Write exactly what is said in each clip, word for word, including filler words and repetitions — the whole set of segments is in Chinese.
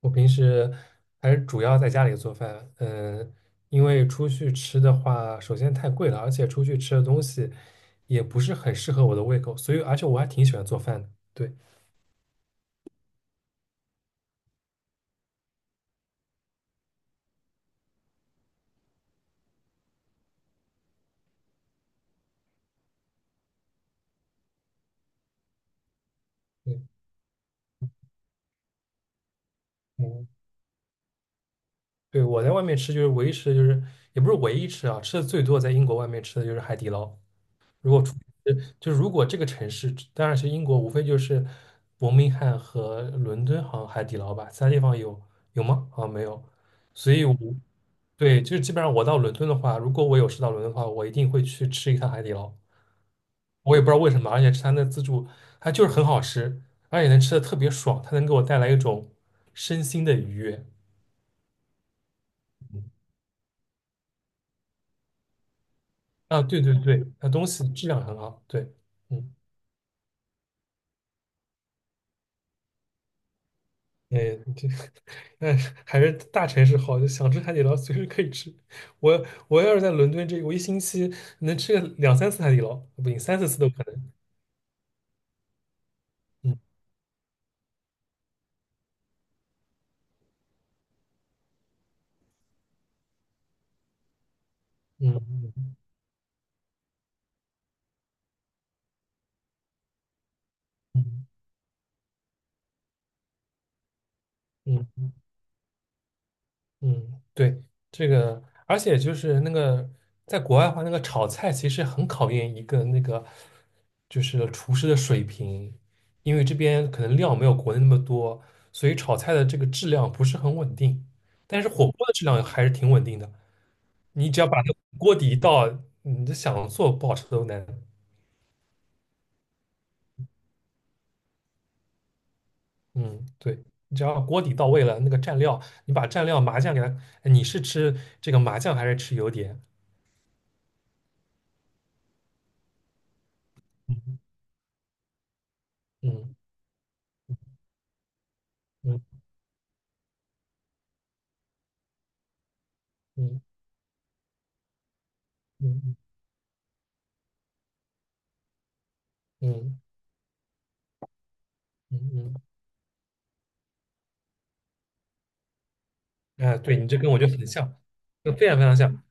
我平时还是主要在家里做饭，嗯，因为出去吃的话，首先太贵了，而且出去吃的东西也不是很适合我的胃口，所以而且我还挺喜欢做饭的。对。嗯嗯。对，我在外面吃就是唯一吃的就是也不是唯一吃啊，吃的最多在英国外面吃的就是海底捞。如果出呃就是如果这个城市，当然是英国，无非就是伯明翰和伦敦，好像海底捞吧，其他地方有有吗？好像没有。所以我，对，就是基本上我到伦敦的话，如果我有事到伦敦的话，我一定会去吃一趟海底捞。我也不知道为什么，而且吃它的自助，它就是很好吃，而且能吃的特别爽，它能给我带来一种身心的愉悦。嗯啊，对对对，它东西质量很好。对。嗯。哎。这但是还是大城市好，就想吃海底捞随时可以吃。我我要是在伦敦这个，我一星期能吃个两三次海底捞，不行，三四次都可能。嗯嗯嗯嗯嗯。对，这个，而且就是那个在国外的话，那个炒菜其实很考验一个那个就是厨师的水平，因为这边可能料没有国内那么多，所以炒菜的这个质量不是很稳定。但是火锅的质量还是挺稳定的，你只要把那个锅底倒，你就想做不好吃都难。嗯，对，你只要锅底到位了，那个蘸料，你把蘸料麻酱给它，哎你是吃这个麻酱还是吃油碟？嗯嗯嗯嗯嗯嗯嗯。嗯，哎，对你这跟我就很像，就非常非常像。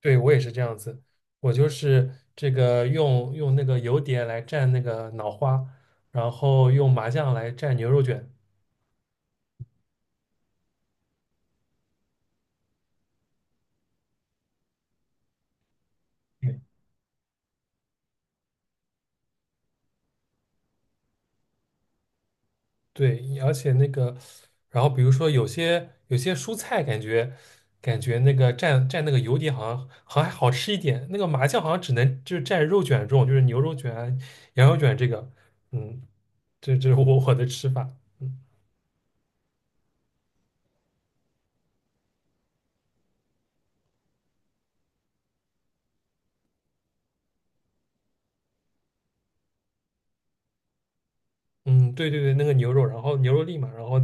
对我也是这样子，我就是这个用用那个油碟来蘸那个脑花，然后用麻酱来蘸牛肉卷。对，而且那个，然后比如说有些有些蔬菜，感觉感觉那个蘸蘸那个油碟好像好像还好吃一点，那个麻酱好像只能就是蘸肉卷这种，就是牛肉卷啊、羊肉卷这个。嗯。这这是我我的吃法。嗯。嗯，对对对，那个牛肉，然后牛肉粒嘛，然后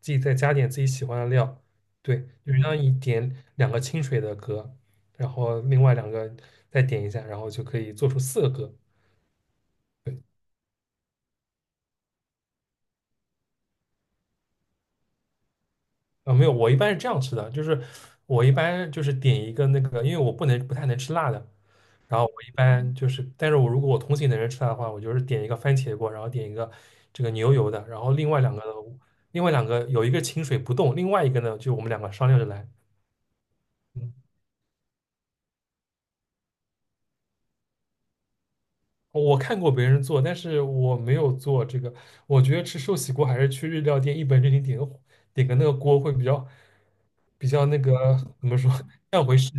自己再加点自己喜欢的料，对，就是让你点两个清水的格，然后另外两个再点一下，然后就可以做出四个格。啊，没有，我一般是这样吃的，就是我一般就是点一个那个，因为我不能不太能吃辣的，然后我一般就是，但是我如果我同行的人吃辣的话，我就是点一个番茄锅，然后点一个这个牛油的，然后另外两个另外两个有一个清水不动，另外一个呢就我们两个商量着来。嗯。我看过别人做，但是我没有做这个，我觉得吃寿喜锅还是去日料店一本正经点个点个那个锅会比较比较那个怎么说，干回事。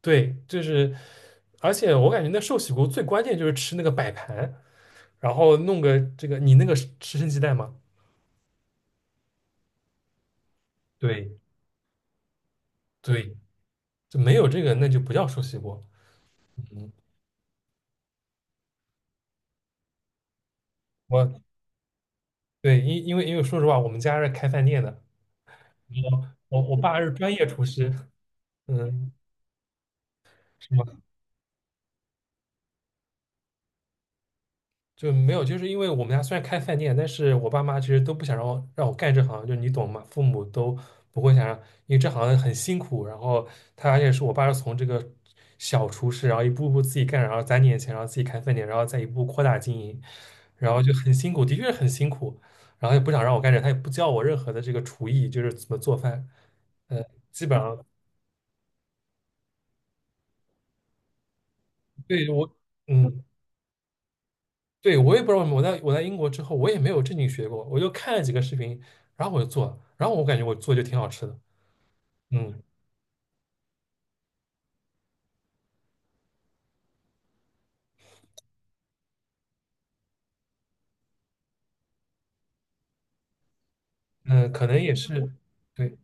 对，就是，而且我感觉那寿喜锅最关键就是吃那个摆盘，然后弄个这个，你那个是吃生鸡蛋吗？对。对，就没有这个那就不叫寿喜锅。嗯。我，对，因因为因为说实话，我们家是开饭店的，我我我爸是专业厨师。嗯，就没有，就是因为我们家虽然开饭店，但是我爸妈其实都不想让我让我干这行，就你懂吗？父母都不会想让，因为这行很辛苦。然后他而且是我爸是从这个小厨师，然后一步步自己干，然后攒点钱，然后自己开饭店，然后再一步扩大经营，然后就很辛苦，的确是很辛苦。然后也不想让我干这，他也不教我任何的这个厨艺，就是怎么做饭，呃，基本上对我。嗯。对，我也不知道为什么我在我在英国之后，我也没有正经学过，我就看了几个视频，然后我就做了，然后我感觉我做就挺好吃的。嗯嗯。呃可能也是，对，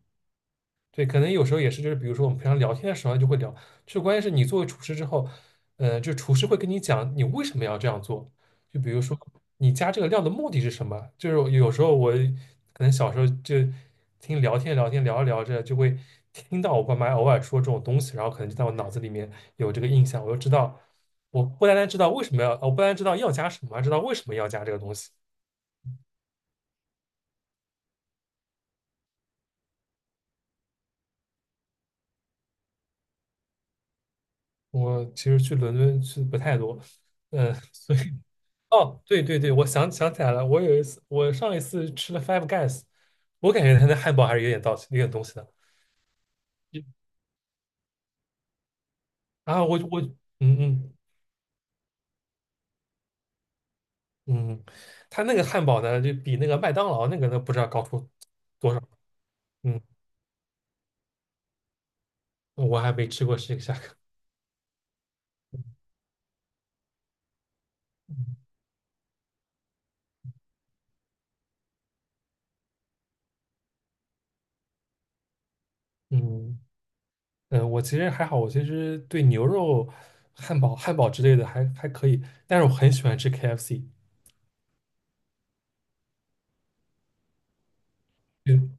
对，可能有时候也是，就是比如说我们平常聊天的时候就会聊，就关键是你作为厨师之后，呃，就厨师会跟你讲你为什么要这样做，就比如说你加这个料的目的是什么，就是有时候我可能小时候就听聊天聊天聊着聊着就会听到我爸妈偶尔说这种东西，然后可能就在我脑子里面有这个印象，我就知道，我不单单知道为什么要，我不单单知道要加什么，还知道为什么要加这个东西。我其实去伦敦去不太多。嗯、呃 所以。哦，对对对，我想想起来了，我有一次，我上一次吃了 Five Guys，我感觉他那汉堡还是有点道有点东西的。啊，我我嗯嗯嗯，他那个汉堡呢，就比那个麦当劳那个呢，不知道高出多少。嗯，我还没吃过这个价格。嗯嗯，呃我其实还好，我其实对牛肉、汉堡、汉堡之类的还还可以，但是我很喜欢吃 K F C。嗯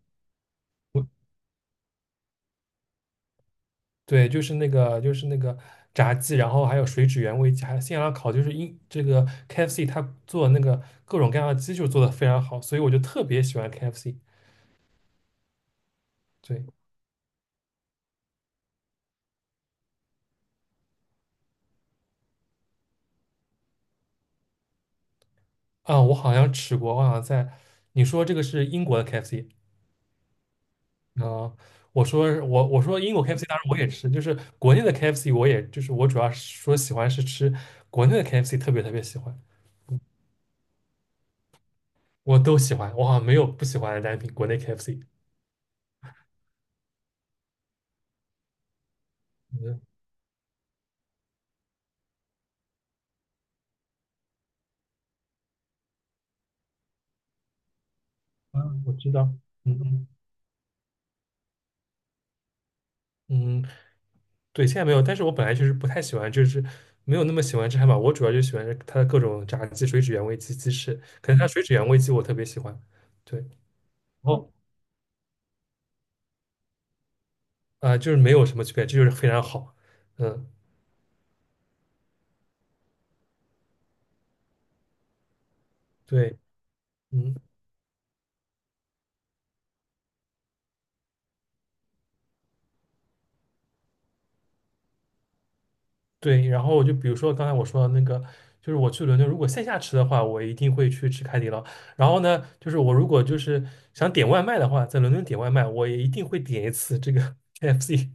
对，就是那个，就是那个炸鸡，然后还有水煮原味鸡，还有现场烤，就是英这个 K F C 它做那个各种各样的鸡就做的非常好，所以我就特别喜欢 K F C。对，啊，我好像吃过，我好像在你说这个是英国的 KFC。 啊，我说我我说英国 K F C 当然我也吃，就是国内的 KFC 我也就是我主要是说喜欢是吃国内的 K F C，特别特别喜欢。我都喜欢，我好像没有不喜欢的单品，国内 K F C。嗯。啊，我知道。嗯嗯。嗯对，现在没有，但是我本来就是不太喜欢，就是没有那么喜欢吃汉堡，我主要就喜欢它的各种炸鸡、水煮原味鸡、鸡翅，可能它水煮原味鸡我特别喜欢，对，然后啊、呃就是没有什么区别，这就是非常好。嗯。对。嗯对，然后我就比如说刚才我说的那个，就是我去伦敦如果线下吃的话，我一定会去吃海底捞，然后呢，就是我如果就是想点外卖的话，在伦敦点外卖，我也一定会点一次这个 K F C。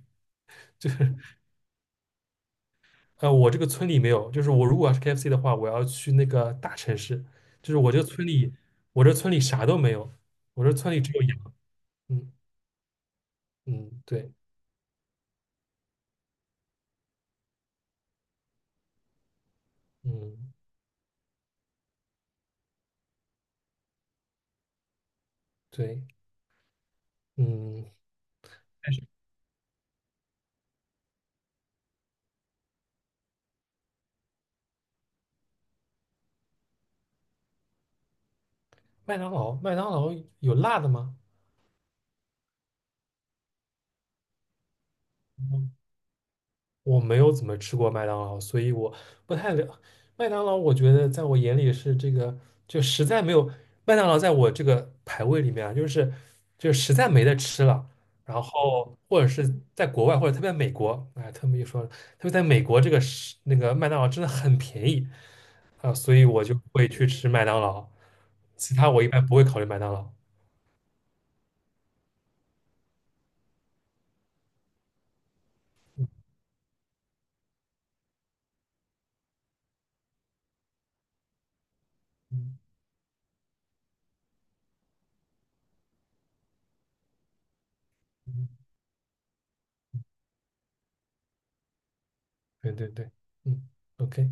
呃，我这个村里没有，就是我如果要是 K F C 的话，我要去那个大城市，就是我这个村里，我这村里啥都没有，我这村里只有羊。嗯嗯。对。嗯对。嗯。但是麦当劳，麦当劳有辣的吗？嗯我没有怎么吃过麦当劳，所以我不太了。麦当劳，我觉得在我眼里是这个，就实在没有麦当劳在我这个排位里面啊，就是就实在没得吃了。然后或者是在国外，或者特别美国，哎，他们一说了，特别在美国这个是那个麦当劳真的很便宜啊，所以我就会去吃麦当劳。其他我一般不会考虑麦当劳。嗯嗯嗯。嗯对对对。嗯，OK。